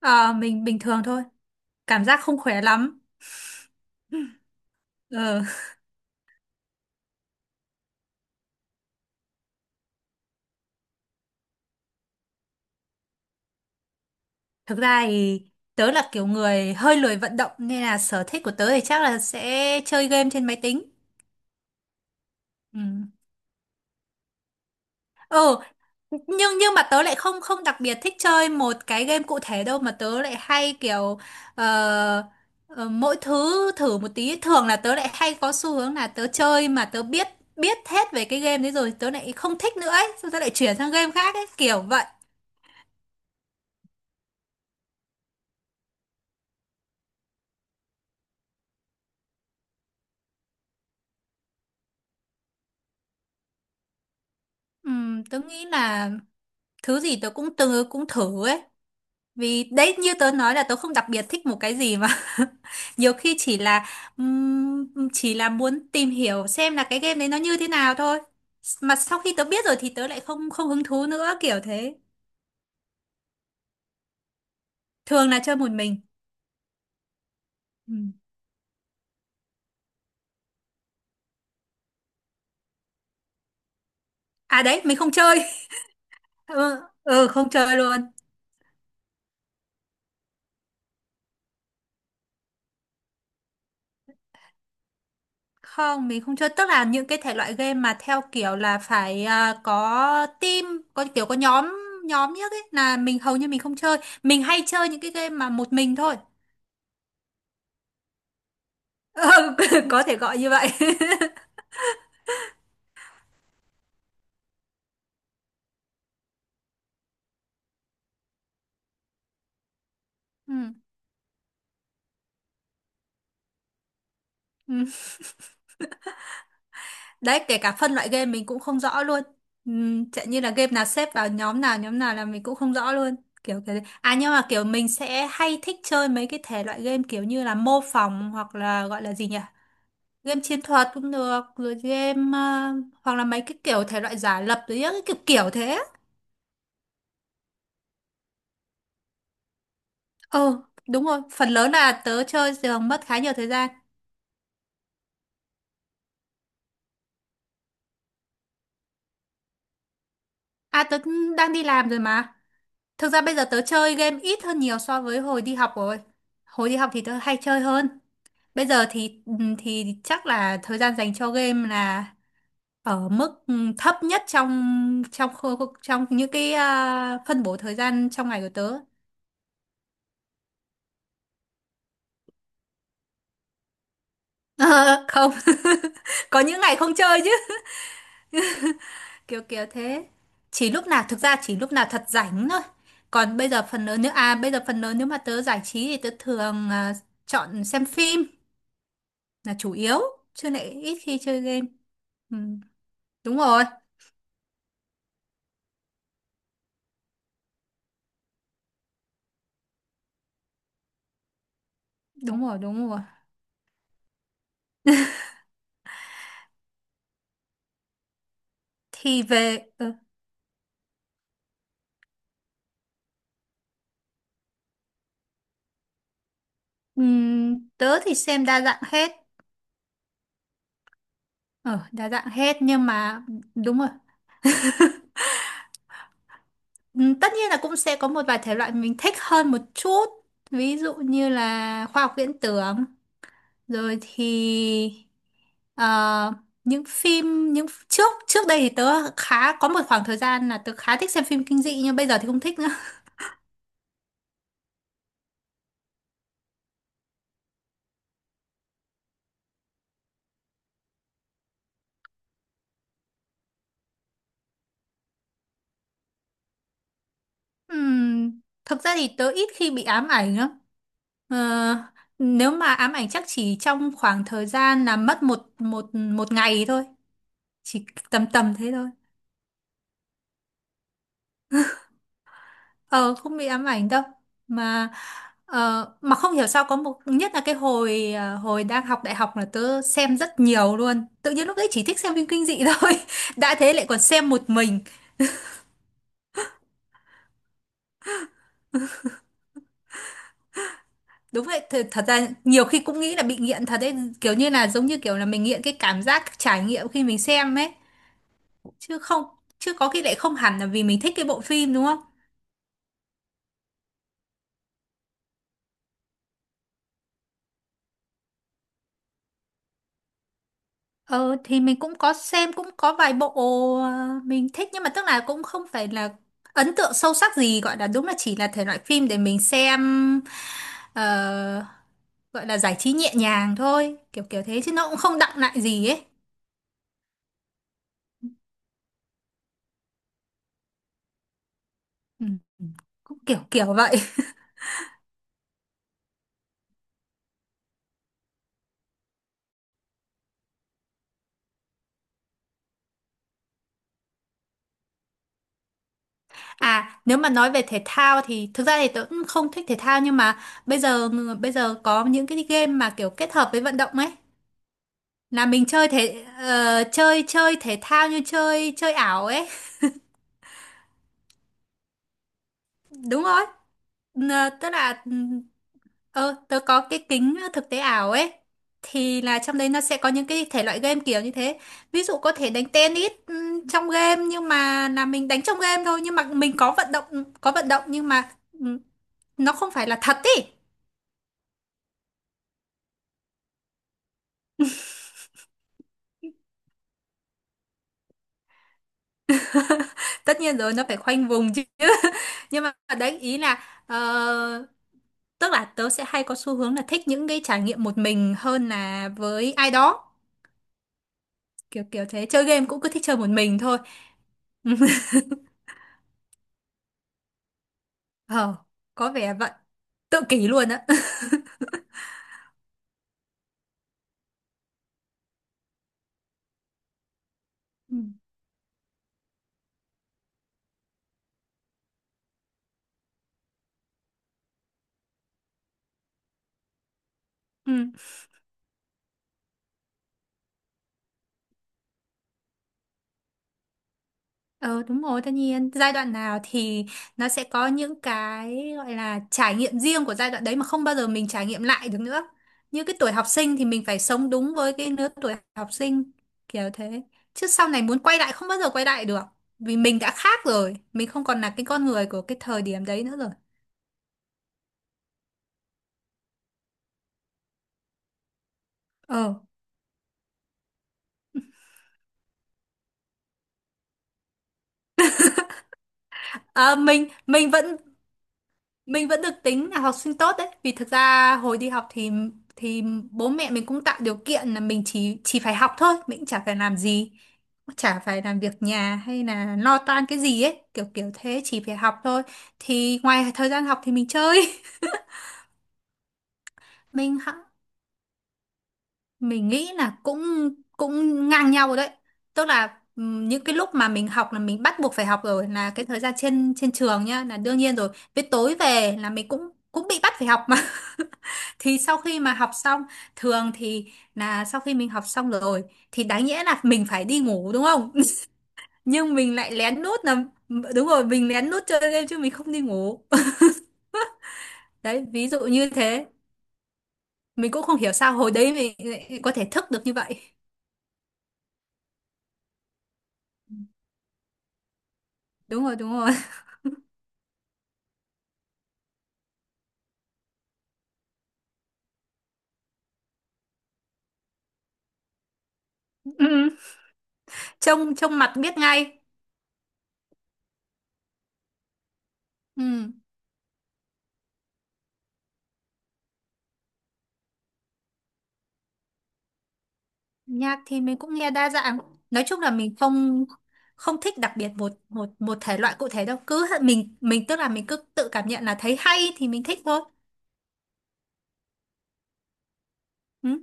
Ờ, mình bình thường thôi, cảm giác không khỏe lắm. Ờ, thực ra thì tớ là kiểu người hơi lười vận động, nên là sở thích của tớ thì chắc là sẽ chơi game trên máy tính. Ừ. Ừ. Nhưng mà tớ lại không không đặc biệt thích chơi một cái game cụ thể đâu, mà tớ lại hay kiểu ờ, ờ, mỗi thứ thử một tí. Thường là tớ lại hay có xu hướng là tớ chơi mà tớ biết biết hết về cái game đấy rồi, tớ lại không thích nữa ấy, xong tớ lại chuyển sang game khác ấy, kiểu vậy. Ừ, tớ nghĩ là thứ gì tớ cũng từng cũng thử ấy, vì đấy như tớ nói là tớ không đặc biệt thích một cái gì mà. Nhiều khi chỉ là muốn tìm hiểu xem là cái game đấy nó như thế nào thôi, mà sau khi tớ biết rồi thì tớ lại không không hứng thú nữa, kiểu thế. Thường là chơi một mình. Ừ. À đấy, mình không chơi. Ừ, ừ, không chơi luôn. Không, mình không chơi. Tức là những cái thể loại game mà theo kiểu là phải có team, có kiểu có nhóm nhóm nhất ấy là mình hầu như mình không chơi. Mình hay chơi những cái game mà một mình thôi. Ừ, có thể gọi như vậy. Ừ. Ừ. Đấy, kể cả phân loại game mình cũng không rõ luôn. Ừ, chẳng như là game nào xếp vào nhóm nào là mình cũng không rõ luôn. Kiểu cái À nhưng mà kiểu mình sẽ hay thích chơi mấy cái thể loại game kiểu như là mô phỏng, hoặc là gọi là gì nhỉ? Game chiến thuật cũng được, rồi game hoặc là mấy cái kiểu thể loại giả lập, rồi những cái kiểu kiểu thế. Ờ, đúng rồi, phần lớn là tớ chơi thường mất khá nhiều thời gian. À, tớ cũng đang đi làm rồi mà. Thực ra bây giờ tớ chơi game ít hơn nhiều so với hồi đi học rồi. Hồi đi học thì tớ hay chơi hơn. Bây giờ thì thì chắc là thời gian dành cho game là ở mức thấp nhất trong trong khu- trong những cái phân bổ thời gian trong ngày của tớ. Ờ, không. Có những ngày không chơi chứ, kiểu kiểu thế. Chỉ lúc nào Thực ra chỉ lúc nào thật rảnh thôi. Còn bây giờ phần lớn, nếu à bây giờ phần lớn nếu mà tớ giải trí, thì tớ thường chọn xem phim là chủ yếu, chứ lại ít khi chơi game. Ừ, đúng rồi. Đúng rồi. Đúng rồi. Thì về tớ thì xem đa dạng hết. Ờ Đa dạng hết nhưng mà đúng rồi. Ừ, tất nhiên là cũng sẽ có một vài thể loại mình thích hơn một chút, ví dụ như là khoa học viễn tưởng, rồi thì ờ, những phim những trước trước đây thì tớ khá có một khoảng thời gian là tớ khá thích xem phim kinh dị, nhưng bây giờ thì không thích nữa. Ừm, thực ra thì tớ ít khi bị ám ảnh lắm. Ờ, nếu mà ám ảnh chắc chỉ trong khoảng thời gian là mất một một một ngày thôi, chỉ tầm tầm thế thôi. Ờ, không bị ám ảnh đâu, mà mà không hiểu sao, có nhất là cái hồi hồi đang học đại học là tớ xem rất nhiều luôn, tự nhiên lúc đấy chỉ thích xem phim kinh dị thôi. Đã thế lại còn xem một mình. Đúng vậy, thật ra nhiều khi cũng nghĩ là bị nghiện thật đấy, kiểu như là giống như kiểu là mình nghiện cái cảm giác trải nghiệm khi mình xem ấy, chứ không chứ có khi lại không hẳn là vì mình thích cái bộ phim, đúng không. Ờ thì mình cũng có xem, cũng có vài bộ ờ, mình thích, nhưng mà tức là cũng không phải là ấn tượng sâu sắc gì gọi là, đúng là chỉ là thể loại phim để mình xem ờ, gọi là giải trí nhẹ nhàng thôi, kiểu kiểu thế, chứ nó cũng không đọng lại gì ấy. Ừ, cũng kiểu kiểu vậy. À, nếu mà nói về thể thao thì thực ra thì tớ cũng không thích thể thao, nhưng mà bây giờ, bây giờ có những cái game mà kiểu kết hợp với vận động ấy, là mình chơi chơi chơi thể thao, như chơi chơi ảo ấy. Đúng rồi. Tức là tớ có cái kính thực tế ảo ấy, thì là trong đấy nó sẽ có những cái thể loại game kiểu như thế. Ví dụ có thể đánh tennis trong game, nhưng mà là mình đánh trong game thôi, nhưng mà mình có vận động, có vận động, nhưng mà ừm, nó không phải là thật ý. Tất nhiên rồi, nó phải khoanh vùng chứ. Nhưng mà đấy, ý là tức là tớ sẽ hay có xu hướng là thích những cái trải nghiệm một mình hơn là với ai đó, kiểu kiểu thế. Chơi game cũng cứ thích chơi một mình thôi. Ờ, có vẻ vậy. Tự kỷ luôn á. Ừ. Ừ. Ờ đúng rồi, tất nhiên. Giai đoạn nào thì nó sẽ có những cái gọi là trải nghiệm riêng của giai đoạn đấy, mà không bao giờ mình trải nghiệm lại được nữa. Như cái tuổi học sinh thì mình phải sống đúng với cái lứa tuổi học sinh, kiểu thế. Chứ sau này muốn quay lại không bao giờ quay lại được. Vì mình đã khác rồi, mình không còn là cái con người của cái thời điểm đấy nữa rồi. Ờ. À, mình vẫn được tính là học sinh tốt đấy, vì thực ra hồi đi học thì bố mẹ mình cũng tạo điều kiện là mình chỉ phải học thôi, mình cũng chả phải làm gì, cũng chả phải làm việc nhà hay là lo toan cái gì ấy, kiểu kiểu thế, chỉ phải học thôi. Thì ngoài thời gian học thì mình chơi. mình mình nghĩ là cũng cũng ngang nhau rồi đấy. Tức là những cái lúc mà mình học là mình bắt buộc phải học rồi, là cái thời gian trên trên trường nhá là đương nhiên rồi, với tối về là mình cũng cũng bị bắt phải học mà. Thì sau khi mà học xong, thường thì là sau khi mình học xong rồi thì đáng nhẽ là mình phải đi ngủ, đúng không. Nhưng mình lại lén nút là đúng rồi, mình lén nút chơi game chứ mình không đi ngủ. Đấy, ví dụ như thế. Mình cũng không hiểu sao hồi đấy mình lại có thể thức được như vậy. Đúng rồi. Đúng rồi. trông trông mặt biết ngay. Ừ. Nhạc thì mình cũng nghe đa dạng, nói chung là mình không không thích đặc biệt một một một thể loại cụ thể đâu, cứ mình tức là mình cứ tự cảm nhận, là thấy hay thì mình thích thôi. Ừ.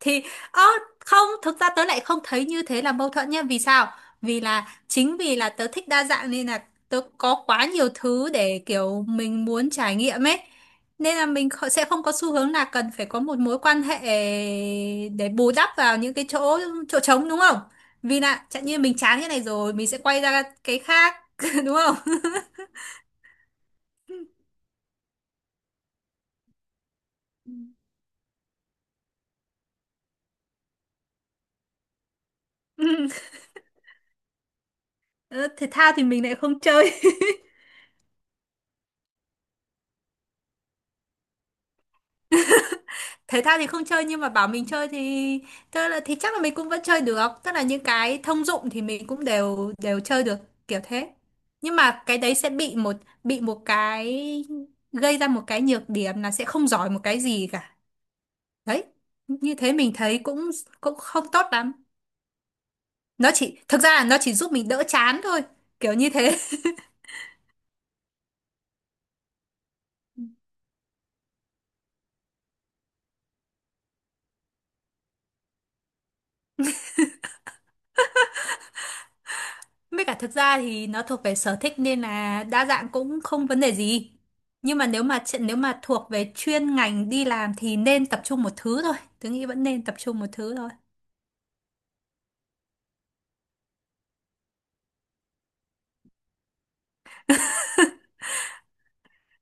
Thì ơ, không, thực ra tớ lại không thấy như thế là mâu thuẫn nhá, vì sao, vì là chính vì là tớ thích đa dạng nên là tớ có quá nhiều thứ để kiểu mình muốn trải nghiệm ấy, nên là mình sẽ không có xu hướng là cần phải có một mối quan hệ để bù đắp vào những cái chỗ chỗ trống, đúng không. Vì là chẳng như mình chán cái này rồi mình sẽ quay ra cái khác, đúng không. Ừ, thể thao thì mình lại không chơi. Thể thao thì không chơi, nhưng mà bảo mình chơi thì, tức là thì chắc là mình cũng vẫn chơi được, tức là những cái thông dụng thì mình cũng đều đều chơi được, kiểu thế. Nhưng mà cái đấy sẽ bị một cái, gây ra một cái nhược điểm là sẽ không giỏi một cái gì cả. Đấy, như thế mình thấy cũng cũng không tốt lắm. Nó chỉ Thực ra là nó chỉ giúp mình đỡ chán thôi, kiểu như thế. Với cả thực ra thì nó thuộc về sở thích, nên là đa dạng cũng không vấn đề gì. Nhưng mà nếu mà nếu mà thuộc về chuyên ngành đi làm thì nên tập trung một thứ thôi. Tớ nghĩ vẫn nên tập trung một thứ thôi.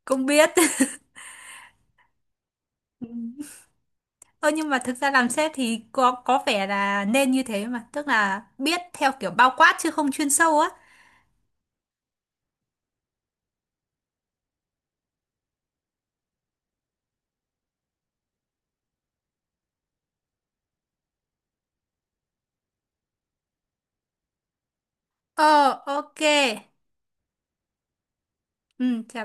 Cũng biết. Ừ. Ơ nhưng mà thực ra làm sếp thì có vẻ là nên như thế mà, tức là biết theo kiểu bao quát chứ không chuyên sâu á. Ờ, ok. Ừ, chào.